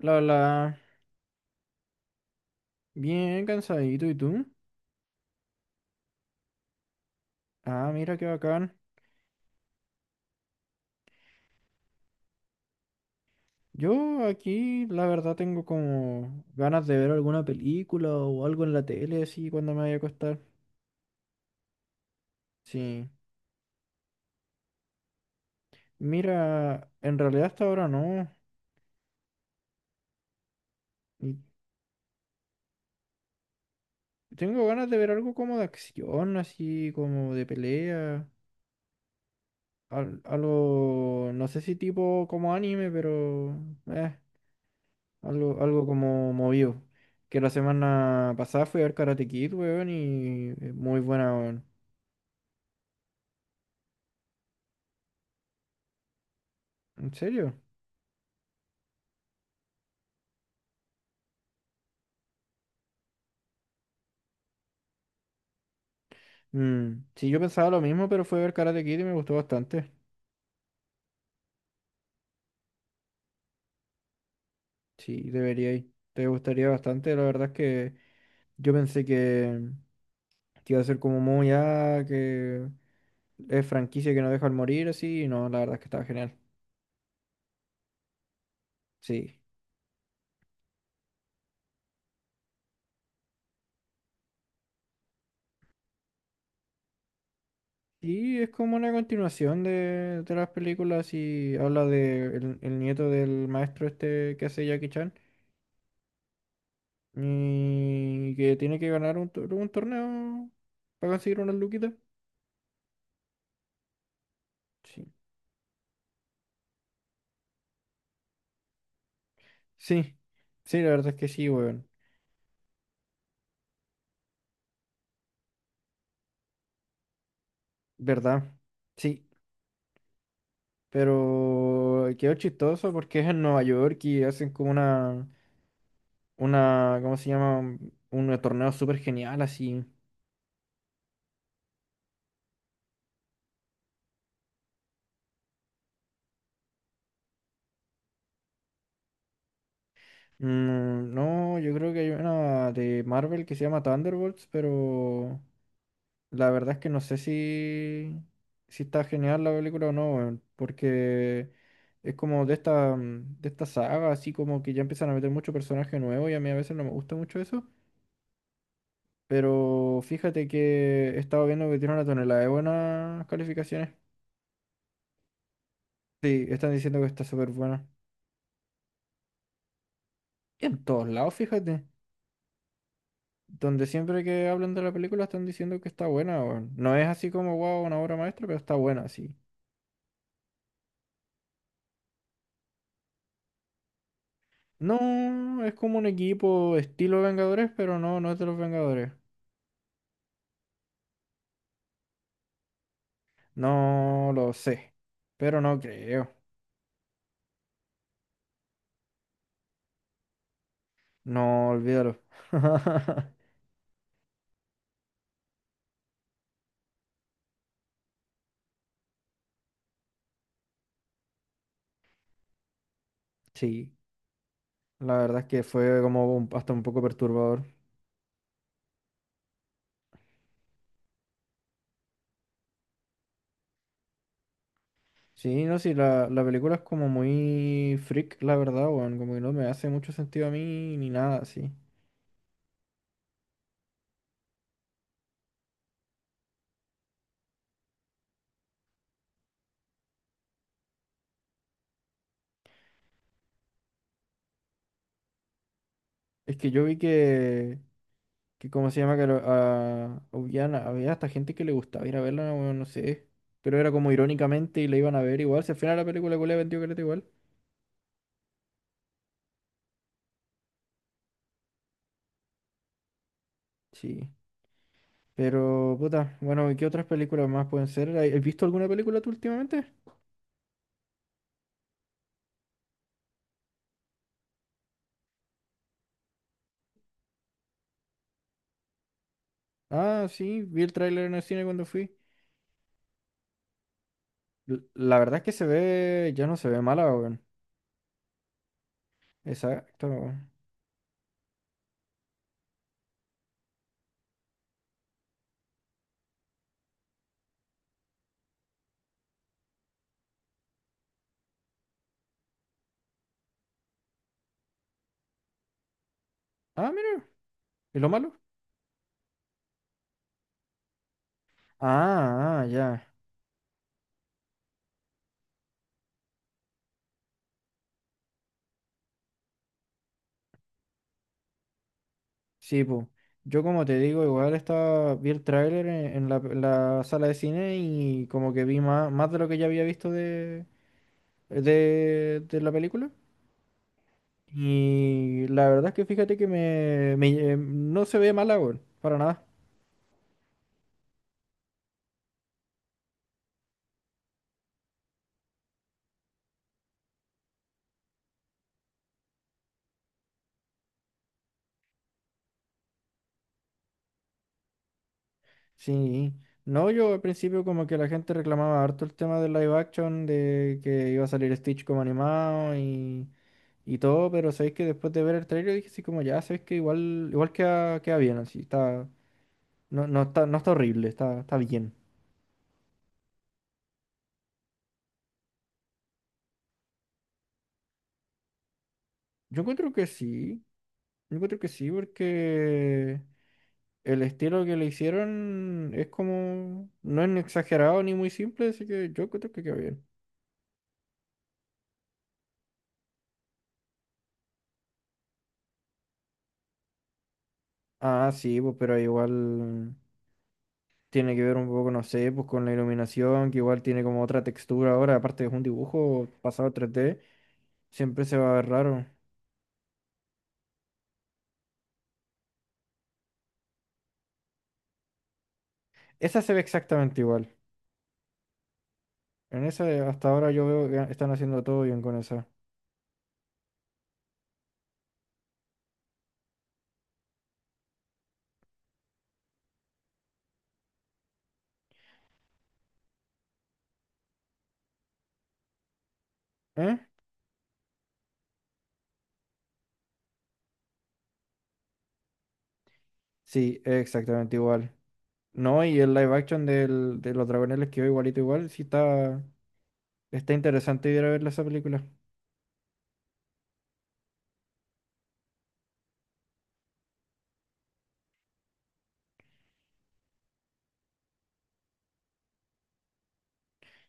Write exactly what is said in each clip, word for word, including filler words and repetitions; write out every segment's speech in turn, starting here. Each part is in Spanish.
La, la, Bien cansadito, ¿y tú? Ah, mira qué bacán. Yo aquí, la verdad, tengo como ganas de ver alguna película o algo en la tele, así, cuando me vaya a acostar. Sí. Mira, en realidad hasta ahora no. Y tengo ganas de ver algo como de acción, así, como de pelea. Al- algo, no sé si tipo como anime, pero... Eh, algo, algo como movido. Que la semana pasada fui a ver Karate Kid, weón, y eh, muy buena, weón. ¿En serio? Mm, sí, yo pensaba lo mismo, pero fue ver Karate Kid y me gustó bastante. Sí, debería ir. Te gustaría bastante. La verdad es que yo pensé que, mm, que iba a ser como muy, ah, que es franquicia que no deja al morir, así. Y no, la verdad es que estaba genial. Sí. Y es como una continuación de, de las películas y habla de el, el nieto del maestro este que hace Jackie Chan y que tiene que ganar un, tor- un torneo para conseguir unas luquitas. Sí. Sí, sí, la verdad es que sí, weón. ¿Verdad? Sí, pero quedó chistoso porque es en Nueva York y hacen como una, una, ¿cómo se llama? Un torneo súper genial así. Mm, no, yo creo que hay una de Marvel que se llama Thunderbolts, pero la verdad es que no sé si, si está genial la película o no, weón, porque es como de esta, mm, de esta saga, así como que ya empiezan a meter mucho personaje nuevo y a mí a veces no me gusta mucho eso. Pero fíjate que he estado viendo que tiene una tonelada de buenas calificaciones. Sí, están diciendo que está súper buena. Y en todos lados, fíjate. Donde siempre que hablan de la película están diciendo que está buena, weón. No es así como, wow, una obra maestra, pero está buena, sí. No, es como un equipo estilo Vengadores, pero no, no es de los Vengadores. No lo sé, pero no creo. No, olvídalo. Sí, la verdad es que fue como un- hasta un poco perturbador. Sí, no, sí, la, la película es como muy freak, la verdad, weón. Como que no me hace mucho sentido a mí ni nada, sí. Es que yo vi que, que ¿cómo se llama? Que lo- a, había, había hasta gente que le gustaba ir a verla, weón, no sé. Pero era como irónicamente y la iban a ver igual. Si al final la película que le vendió caleta igual. Sí. Pero, puta, bueno, ¿y qué otras películas más pueden ser? ¿Has has visto alguna película tú últimamente? Ah, sí, vi el tráiler en el cine cuando fui. L- La verdad es que se ve, ya no se ve mala, weón. Exacto, weón. Ah, mira. ¿Y lo malo? Ah, ah, ya. Sí, pues. Yo como te digo, igual estaba, vi el tráiler en, en la, en la sala de cine y como que vi más, más de lo que ya había visto de, de, de la película. Y la verdad es que fíjate que me, me- eh, no se ve mala, weón, para nada. Sí. No, yo al principio como que la gente reclamaba harto el tema del live action, de que iba a salir Stitch como animado y todo, pero sabéis que después de ver el trailer dije así como ya, sabéis que igual, igual queda, queda bien, así, está, no, no está, no está horrible, está, está bien. Yo encuentro que sí, yo encuentro que sí, porque el estilo que le hicieron es como, no es ni exagerado ni muy simple, así que yo encuentro que queda bien. Ah, sí, pues, pero igual tiene que ver un poco, no sé, pues con la iluminación, que igual tiene como otra textura ahora, aparte es un dibujo pasado a tres D, siempre se va a ver raro. Esa se ve exactamente igual. En esa, eh, hasta ahora yo veo que están haciendo todo bien con esa. ¿Eh? Sí, exactamente igual. No, y el live action del, de los dragones les quedó igualito igual. Sí, está, está interesante ir a verla esa película.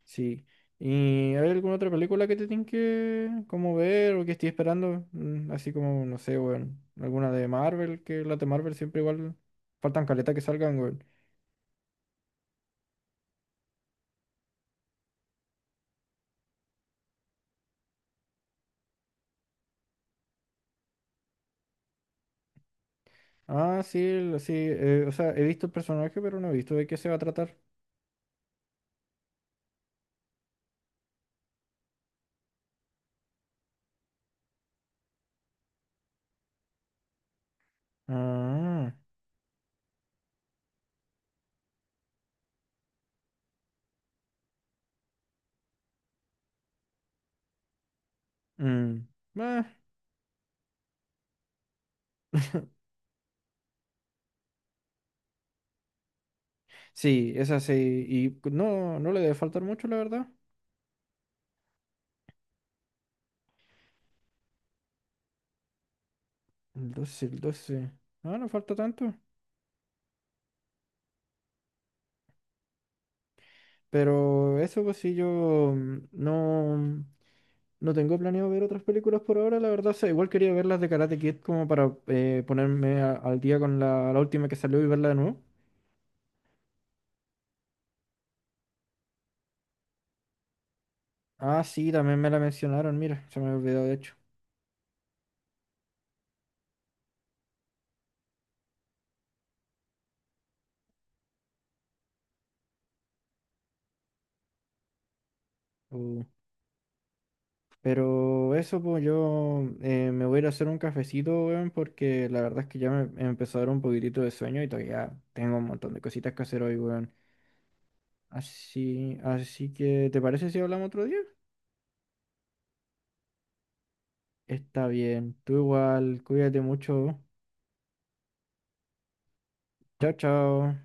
Sí. ¿Y hay alguna otra película que te tienen que como ver o que estoy esperando? Mm, así como, no sé, weón. Alguna de Marvel, que las de Marvel siempre igual faltan caleta que salgan, weón. Ah, sí, el- sí, eh, o sea, he visto el personaje, pero no he visto de qué se va a tratar. Ah. Mm. Meh. Sí, esa sí. Y no, no le debe faltar mucho, la verdad. El doce. El doce. No, no falta tanto. Pero eso, pues sí, yo mm, no, no tengo planeado ver otras películas por ahora, la verdad. O sea, igual quería ver las de Karate Kid como para eh, ponerme a- al día con la, la última que salió y verla de nuevo. Ah, sí, también me la mencionaron, mira, se me había olvidado de hecho. Pero eso, pues yo eh, me voy a ir a hacer un cafecito, weón, porque la verdad es que ya me, me empezó a dar un poquitito de sueño y todavía tengo un montón de cositas que hacer hoy, weón. Así, así que, ¿te parece si hablamos otro día? Está bien, tú igual, cuídate mucho. Chao, chao.